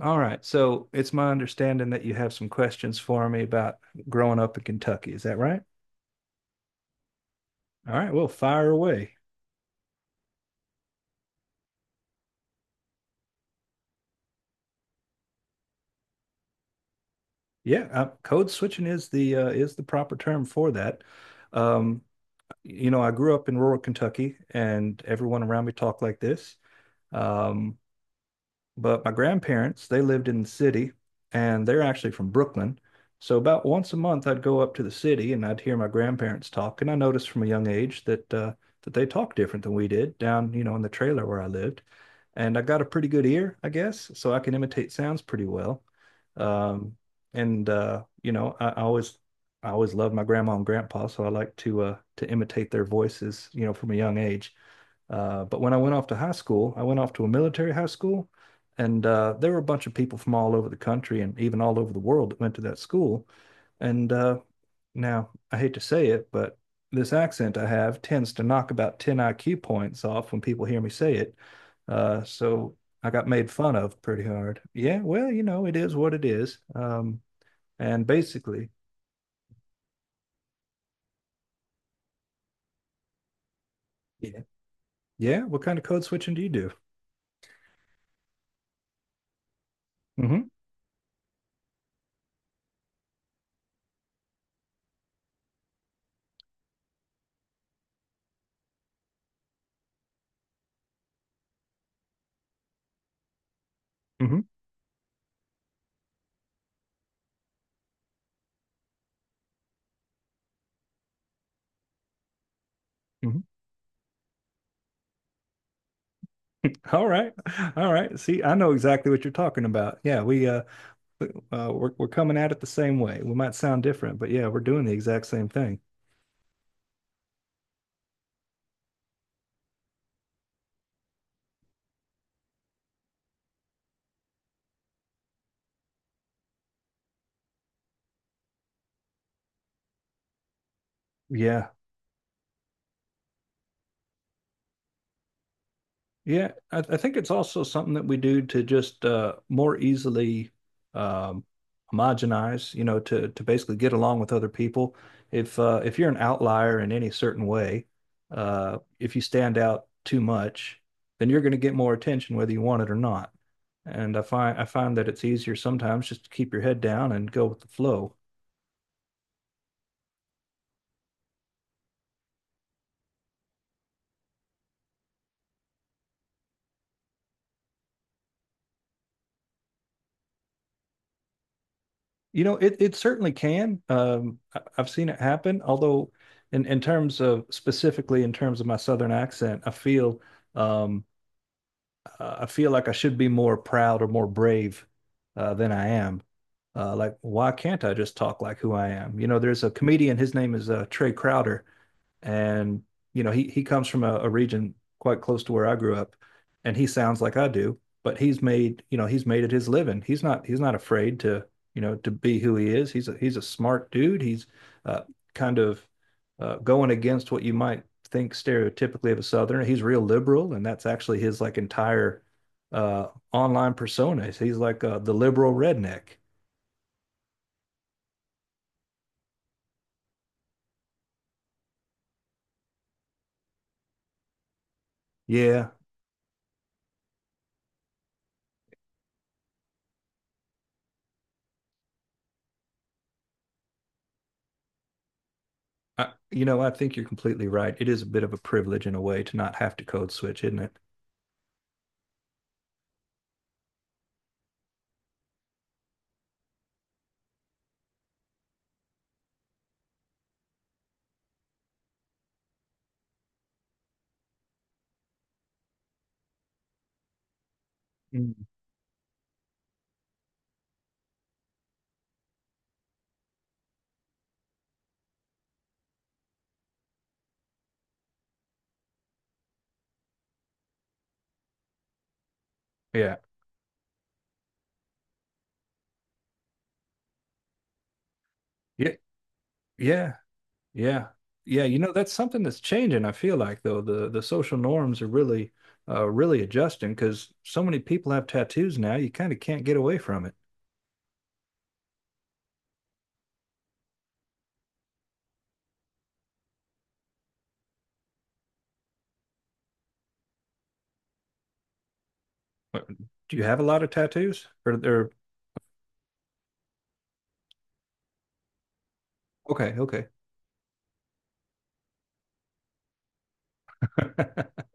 All right. So it's my understanding that you have some questions for me about growing up in Kentucky. Is that right? All right. Well, fire away. Yeah, code switching is the proper term for that. Um, you know, I grew up in rural Kentucky, and everyone around me talked like this. Um, But my grandparents, they lived in the city and they're actually from Brooklyn. So about once a month, I'd go up to the city and I'd hear my grandparents talk. And I noticed from a young age that that they talked different than we did down, you know, in the trailer where I lived. And I got a pretty good ear, I guess, so I can imitate sounds pretty well. Um, and you know, I always loved my grandma and grandpa, so I like to imitate their voices, you know, from a young age. But when I went off to high school, I went off to a military high school, and there were a bunch of people from all over the country and even all over the world that went to that school. And Now I hate to say it, but this accent I have tends to knock about 10 IQ points off when people hear me say it. So I got made fun of pretty hard. Yeah, well, you know, it is what it is. And basically, yeah, yeah. What kind of code switching do you do? hmm hmm hmm All right. All right. See, I know exactly what you're talking about. Yeah, we're coming at it the same way. We might sound different, but yeah, we're doing the exact same thing. Yeah. Yeah, I think it's also something that we do to just more easily um, homogenize, you know, to basically get along with other people. If you're an outlier in any certain way, if you stand out too much, then you're going to get more attention whether you want it or not. And I find that it's easier sometimes just to keep your head down and go with the flow. You know, it certainly can. I've seen it happen. Although, in terms of specifically in terms of my Southern accent, um, I feel like I should be more proud or more brave than I am. Like, why can't I just talk like who I am? You know, there's a comedian. His name is Trey Crowder, and you know he comes from a region quite close to where I grew up, and he sounds like I do, but he's made it his living. He's not afraid to you know to be who he is. He's a smart dude. He's uh, Kind of going against what you might think stereotypically of a southerner. He's real liberal, and that's actually his like entire online persona. He's like the liberal redneck. Yeah, you know I think you're completely right. It is a bit of a privilege in a way to not have to code switch, isn't it? Mm. Yeah. Yeah. Yeah. Yeah. Yeah. You know, that's something that's changing, I feel like though. The social norms are really really adjusting because so many people have tattoos now, you kind of can't get away from it. What- Do you have a lot of tattoos? Or they're okay, okay.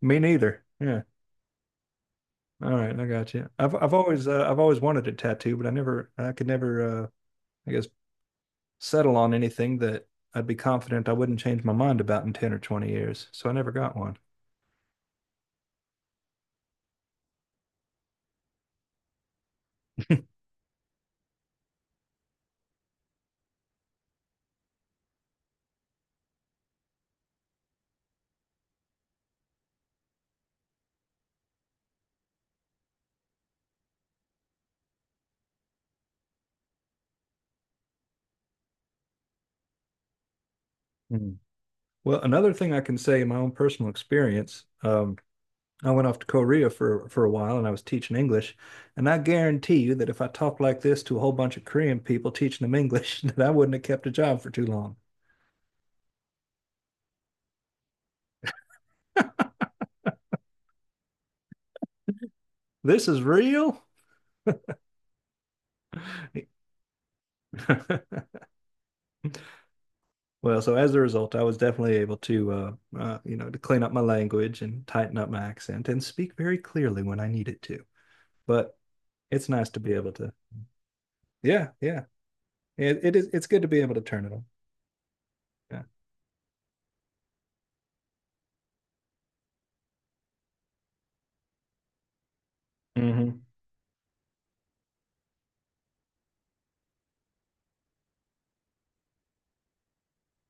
Me neither. Yeah. All right, I got you. I've always wanted a tattoo, but I could never I guess settle on anything that I'd be confident I wouldn't change my mind about in 10 or 20 years. So I never got one. Well, another thing I can say in my own personal experience, I went off to Korea for a while and I was teaching English, and I guarantee you that if I talked like this to a whole bunch of Korean people teaching them English, that I wouldn't have kept a job for too long. This is real. Well, so as a result, I was definitely able to, you know, to clean up my language and tighten up my accent and speak very clearly when I needed to. But it's nice to be able to, yeah, yeah, it is. It's good to be able to turn it on. Yeah. Hmm.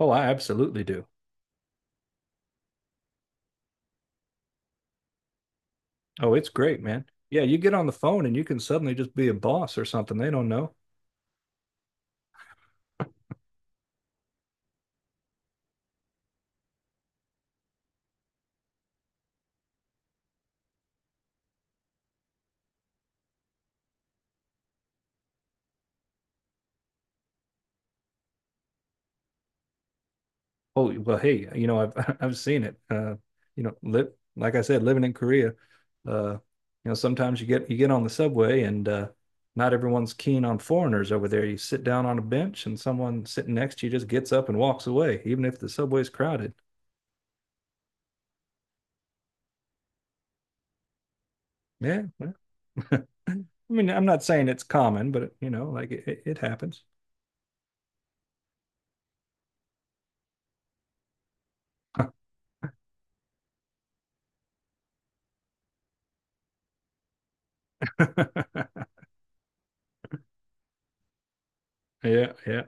Oh, I absolutely do. Oh, it's great, man. Yeah, you get on the phone and you can suddenly just be a boss or something. They don't know. Oh, well, hey, you know, I've I've seen it. You know, li Like I said, living in Korea, you know, sometimes you get on the subway and not everyone's keen on foreigners over there. You sit down on a bench and someone sitting next to you just gets up and walks away, even if the subway's crowded. Yeah, yeah. I mean, I'm not saying it's common, but you know, like it happens. Yeah, yeah,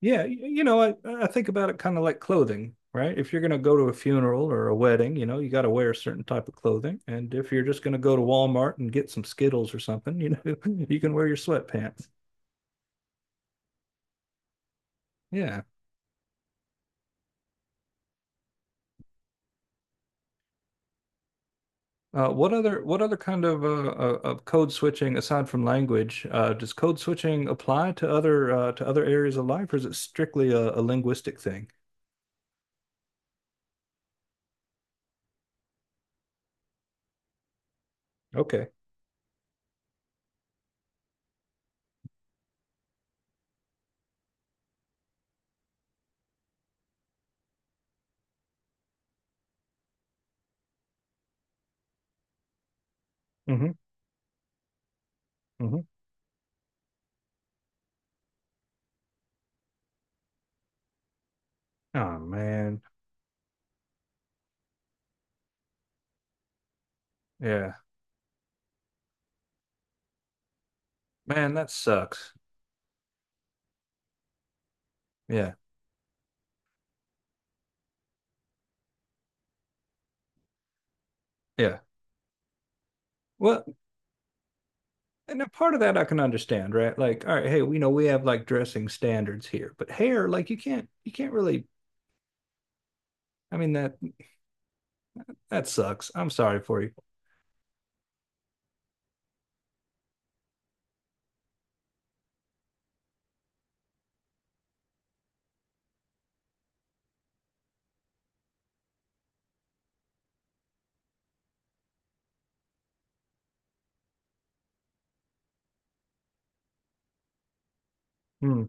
yeah. You know, I think about it kind of like clothing, right? If you're going to go to a funeral or a wedding, you know, you got to wear a certain type of clothing. And if you're just going to go to Walmart and get some Skittles or something, you know, you can wear your sweatpants. Yeah. What other kind of code switching aside from language does code switching apply to other areas of life, or is it strictly a linguistic thing? Okay. Mm-hmm. Mm-hmm. Oh man. Yeah. Man, that sucks. Yeah. Yeah. Well, and a part of that I can understand, right? Like, all right, hey, we know we have like dressing standards here, but hair, like you can't really I mean that that sucks. I'm sorry for you. Hmm.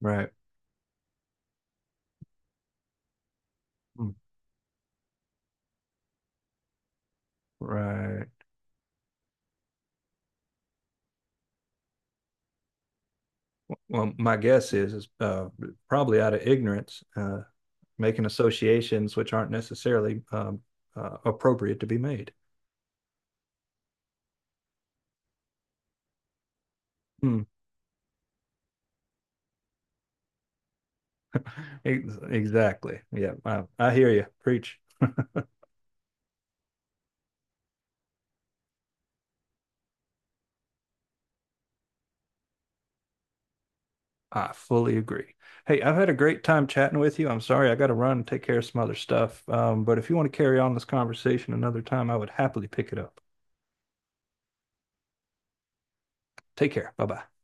Right. Hmm. Right. Well, my guess is probably out of ignorance, making associations which aren't necessarily appropriate to be made. Hmm. Ex- Exactly. Yeah. I hear you. Preach. I fully agree. Hey, I've had a great time chatting with you. I'm sorry I got to run and take care of some other stuff. But if you want to carry on this conversation another time, I would happily pick it up. Take care. Bye bye.